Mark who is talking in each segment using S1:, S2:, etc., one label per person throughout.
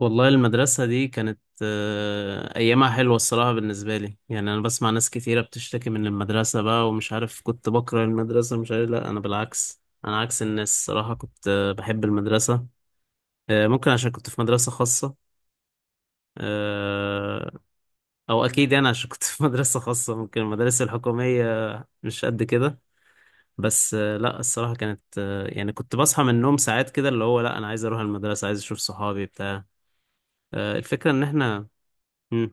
S1: والله المدرسة دي كانت أيامها حلوة الصراحة، بالنسبة لي يعني أنا بسمع ناس كتيرة بتشتكي من المدرسة بقى ومش عارف كنت بكره المدرسة مش عارف، لا أنا بالعكس، أنا عكس الناس الصراحة كنت بحب المدرسة. ممكن عشان كنت في مدرسة خاصة. آه، أو أكيد يعني عشان كنت في مدرسة خاصة، ممكن المدارس الحكومية مش قد كده. بس لا الصراحة كانت يعني كنت بصحى من النوم ساعات كده اللي هو لا أنا عايز أروح المدرسة، عايز أشوف صحابي بتاع. الفكرة إن إحنا. مم.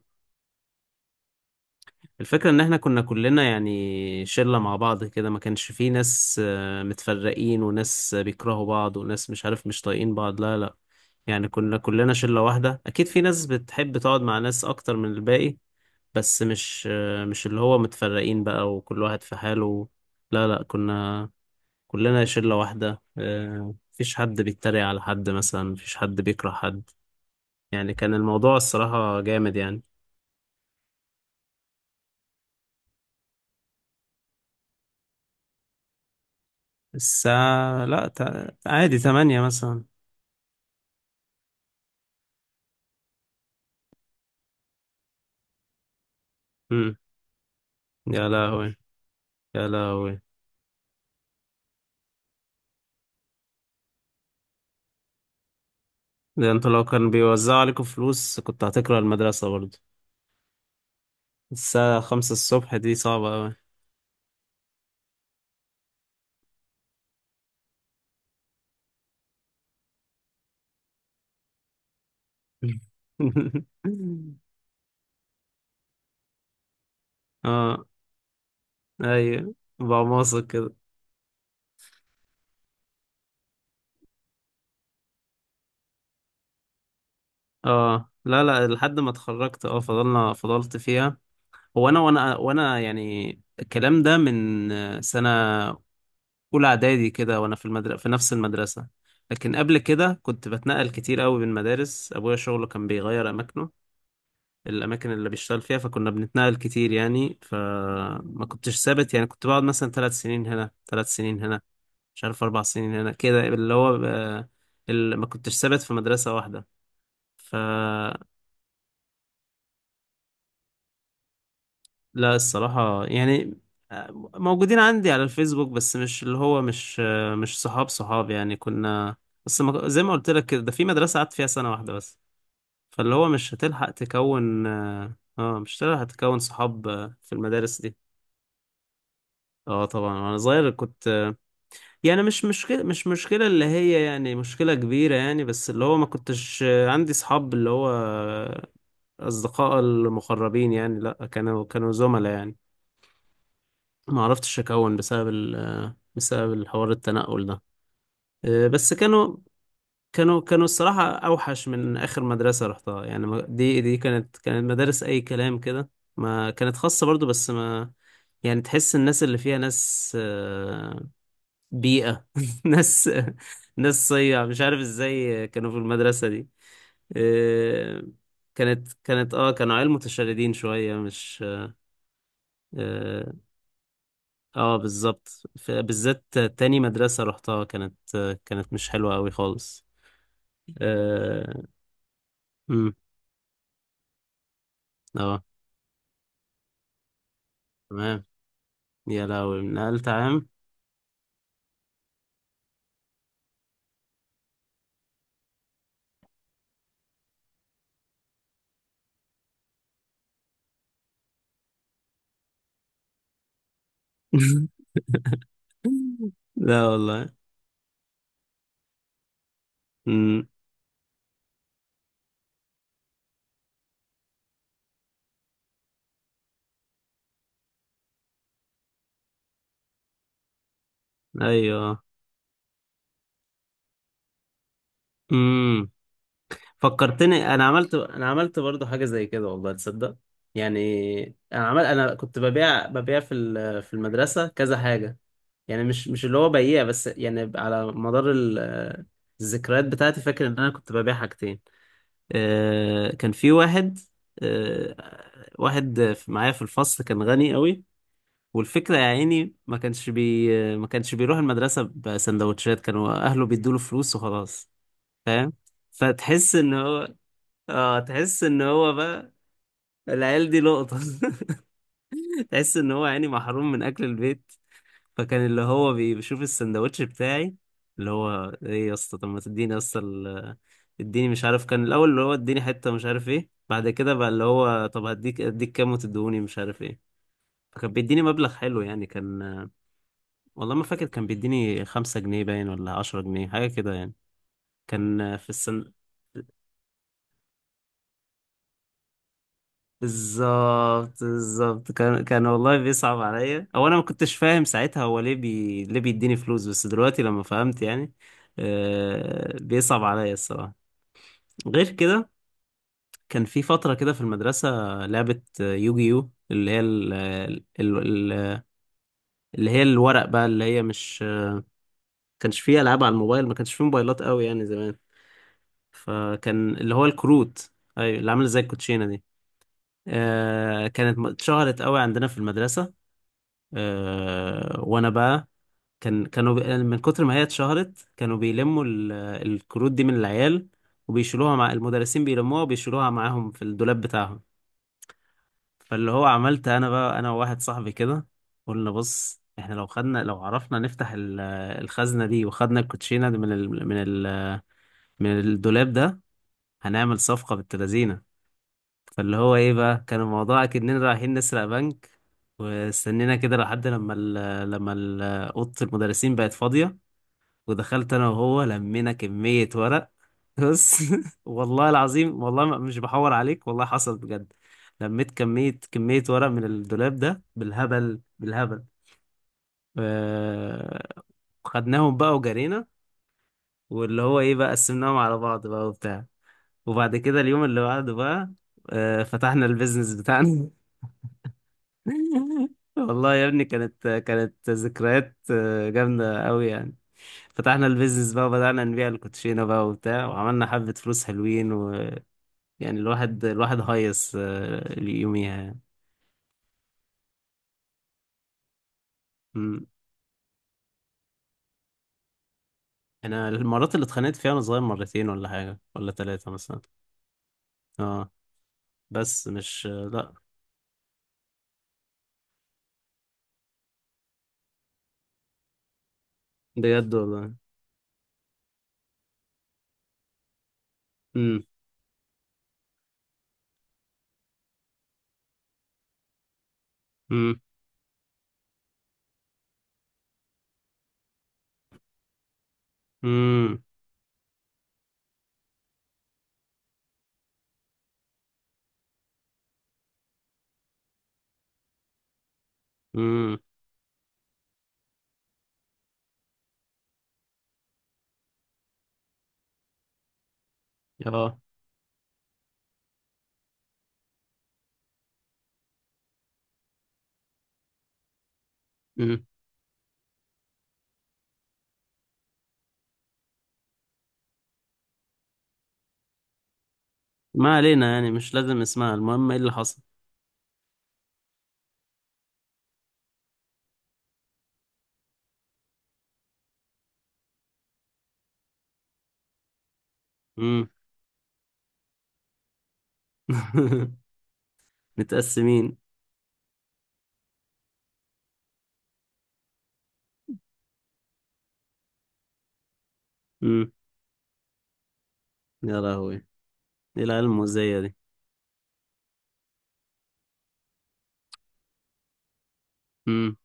S1: الفكرة ان احنا كنا كلنا يعني شلة مع بعض كده، ما كانش فيه ناس متفرقين وناس بيكرهوا بعض وناس مش عارف مش طايقين بعض، لا لا. يعني كنا كلنا شلة واحدة، اكيد في ناس بتحب تقعد مع ناس اكتر من الباقي، بس مش اللي هو متفرقين بقى وكل واحد في حاله. لا لا كنا كلنا شلة واحدة، مفيش حد بيتريق على حد مثلا، مفيش حد بيكره حد. يعني كان الموضوع الصراحة جامد يعني. الساعة لا عادي 8 مثلا. امم. يا لهوي، يا لهوي. ده انتوا لو كان بيوزعوا عليكم فلوس كنت هتكره المدرسة برضه؟ الساعة خمسة الصبح دي صعبة أوي. اه. ايوه. بعماصة كده. اه لا لا، لحد ما اتخرجت، اه فضلت فيها. هو انا وانا وانا يعني الكلام ده من سنة أولى إعدادي كده، وأنا في المدرسة، في نفس المدرسة. لكن قبل كده كنت بتنقل كتير قوي بين مدارس، أبويا شغله كان بيغير أماكنه، الاماكن اللي بيشتغل فيها، فكنا بنتنقل كتير يعني، فما كنتش ثابت يعني، كنت بقعد مثلا 3 سنين هنا، 3 سنين هنا، مش عارف 4 سنين هنا، كده اللي هو اللي ما كنتش ثابت في مدرسة واحدة. فلا الصراحة يعني موجودين عندي على الفيسبوك، بس مش اللي هو مش صحاب صحاب يعني، كنا بس ما- زي ما قلت لك كده، ده في مدرسة قعدت فيها سنة واحدة بس، فاللي هو مش هتلحق تكون، اه مش هتلحق تكون صحاب في المدارس دي. اه طبعا وانا صغير كنت، يعني مش مشكلة اللي هي يعني مشكلة كبيرة يعني، بس اللي هو ما كنتش عندي صحاب اللي هو اصدقاء المقربين يعني، لا كانوا زملاء يعني. ما عرفتش اكون بسبب بسبب الحوار التنقل ده. بس كانوا الصراحة اوحش من اخر مدرسة رحتها يعني، دي كانت مدارس اي كلام كده. ما كانت خاصة برضو، بس ما يعني تحس الناس اللي فيها ناس بيئة، ناس ناس صيع مش عارف ازاي كانوا في المدرسة دي. آه، كانت كانت اه كانوا عيال متشردين شوية، مش اه بالظبط. بالذات تاني مدرسة رحتها كانت مش حلوة قوي خالص. اه. أمم. آه. تمام. يا لهوي، نقلت عام. لا والله. أمم. ايوه. أمم. فكرتني، انا عملت برضو حاجه زي كده، والله تصدق. يعني انا كنت ببيع في في المدرسه كذا حاجه، يعني مش اللي هو بيع بس يعني، على مدار الذكريات بتاعتي، فاكر ان انا كنت ببيع حاجتين. كان في واحد، آه، معايا في الفصل، كان غني قوي. والفكره يا عيني ما كانش بيروح المدرسه بسندوتشات، كانوا اهله بيدوله فلوس وخلاص. فاهم. فتحس ان هو اه تحس ان هو بقى العيال دي لقطة. تحس ان هو يعني محروم من اكل البيت. فكان اللي هو بيشوف السندوتش بتاعي، اللي هو ايه يا اسطى، طب ما تديني يا اسطى، اديني، مش عارف، كان الاول اللي هو اديني حتة مش عارف ايه، بعد كده بقى اللي هو طب هديك، اديك كام وتدوني مش عارف ايه. فكان بيديني مبلغ حلو يعني، كان والله ما فاكر، كان بيديني 5 جنيه باين ولا 10 جنيه، حاجة كده يعني. كان في السن... بالظبط، بالظبط، كان والله بيصعب عليا، او انا ما كنتش فاهم ساعتها هو ليه بيديني فلوس، بس دلوقتي لما فهمت يعني بيصعب عليا الصراحه. غير كده كان في فتره كده في المدرسه لعبه يوجي يو، اللي هي ال... اللي هي الورق بقى، اللي هي مش كانش فيه العاب على الموبايل، ما كانش فيه موبايلات قوي يعني زمان، فكان اللي هو الكروت، ايوه اللي عامله زي الكوتشينه دي. كانت اتشهرت قوي عندنا في المدرسه. وانا بقى، كانوا يعني من كتر ما هي اتشهرت، كانوا بيلموا الكروت دي من العيال، وبيشيلوها مع المدرسين، بيلموها وبيشيلوها معاهم في الدولاب بتاعهم. فاللي هو عملت انا بقى، انا وواحد صاحبي كده، قلنا بص احنا لو خدنا، لو عرفنا نفتح الخزنة دي وخدنا الكوتشينة دي من الدولاب ده، هنعمل صفقة بالتلازينة. فاللي هو ايه بقى، كان الموضوع اكننا رايحين نسرق بنك. واستنينا كده لحد لما اوضه المدرسين بقت فاضيه، ودخلت انا وهو لمينا كميه ورق. بص، والله العظيم، والله مش بحور عليك، والله حصل بجد. لميت كميه ورق من الدولاب ده، بالهبل بالهبل. آه، خدناهم بقى وجرينا، واللي هو ايه بقى، قسمناهم على بعض بقى وبتاع، وبعد كده اليوم اللي بعده بقى فتحنا البيزنس بتاعنا. والله يا ابني كانت ذكريات جامدة أوي يعني. فتحنا البيزنس بقى وبدأنا نبيع الكوتشينة بقى وبتاع، وعملنا حبة فلوس حلوين، ويعني الواحد الواحد هيص يوميها يعني. أمم. أنا المرات اللي اتخانقت فيها وأنا صغير مرتين ولا حاجة ولا تلاتة مثلا. اه. بس مش لأ. بجد والله. أمم. أمم. أمم. أمم. اه. أمم. ما علينا يعني، مش لازم اسمها، المهم ايه اللي حصل. أمم. متقسمين. امم. يا لهوي، ايه العيال المؤذية دي. امم.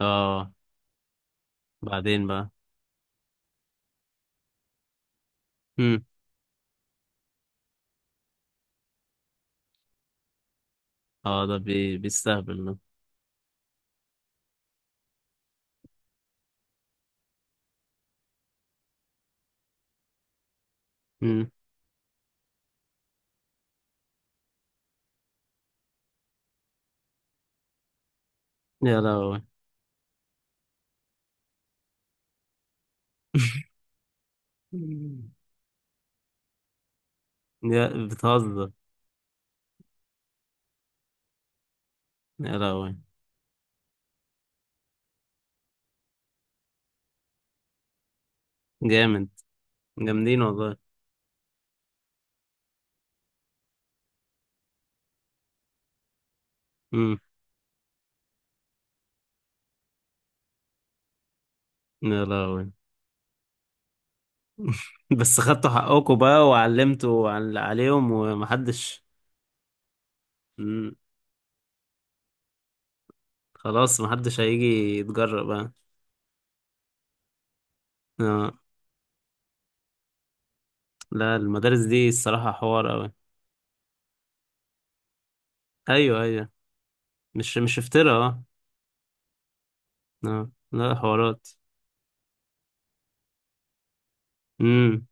S1: اه بعدين بقى. امم. اه ده بيستهبل ده. امم. يا لهوي. يا بتهزر. يا لهوي. جامد. جامدين والله. امم. يا لهوي. بس خدتوا حقكم بقى وعلمتوا عليهم ومحدش. امم. خلاص محدش هيجي يتجرأ بقى. اه لا، المدارس دي الصراحة حوار أوي. أيوه أيوه، مش افتراء، اه. آه. لا حوارات. امم.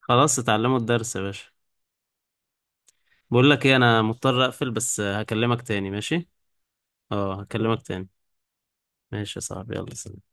S1: خلاص اتعلموا الدرس يا باشا. بقول لك ايه، انا مضطر اقفل بس، هكلمك تاني ماشي؟ اه هكلمك تاني. ماشي يا صاحبي، يلا سلام.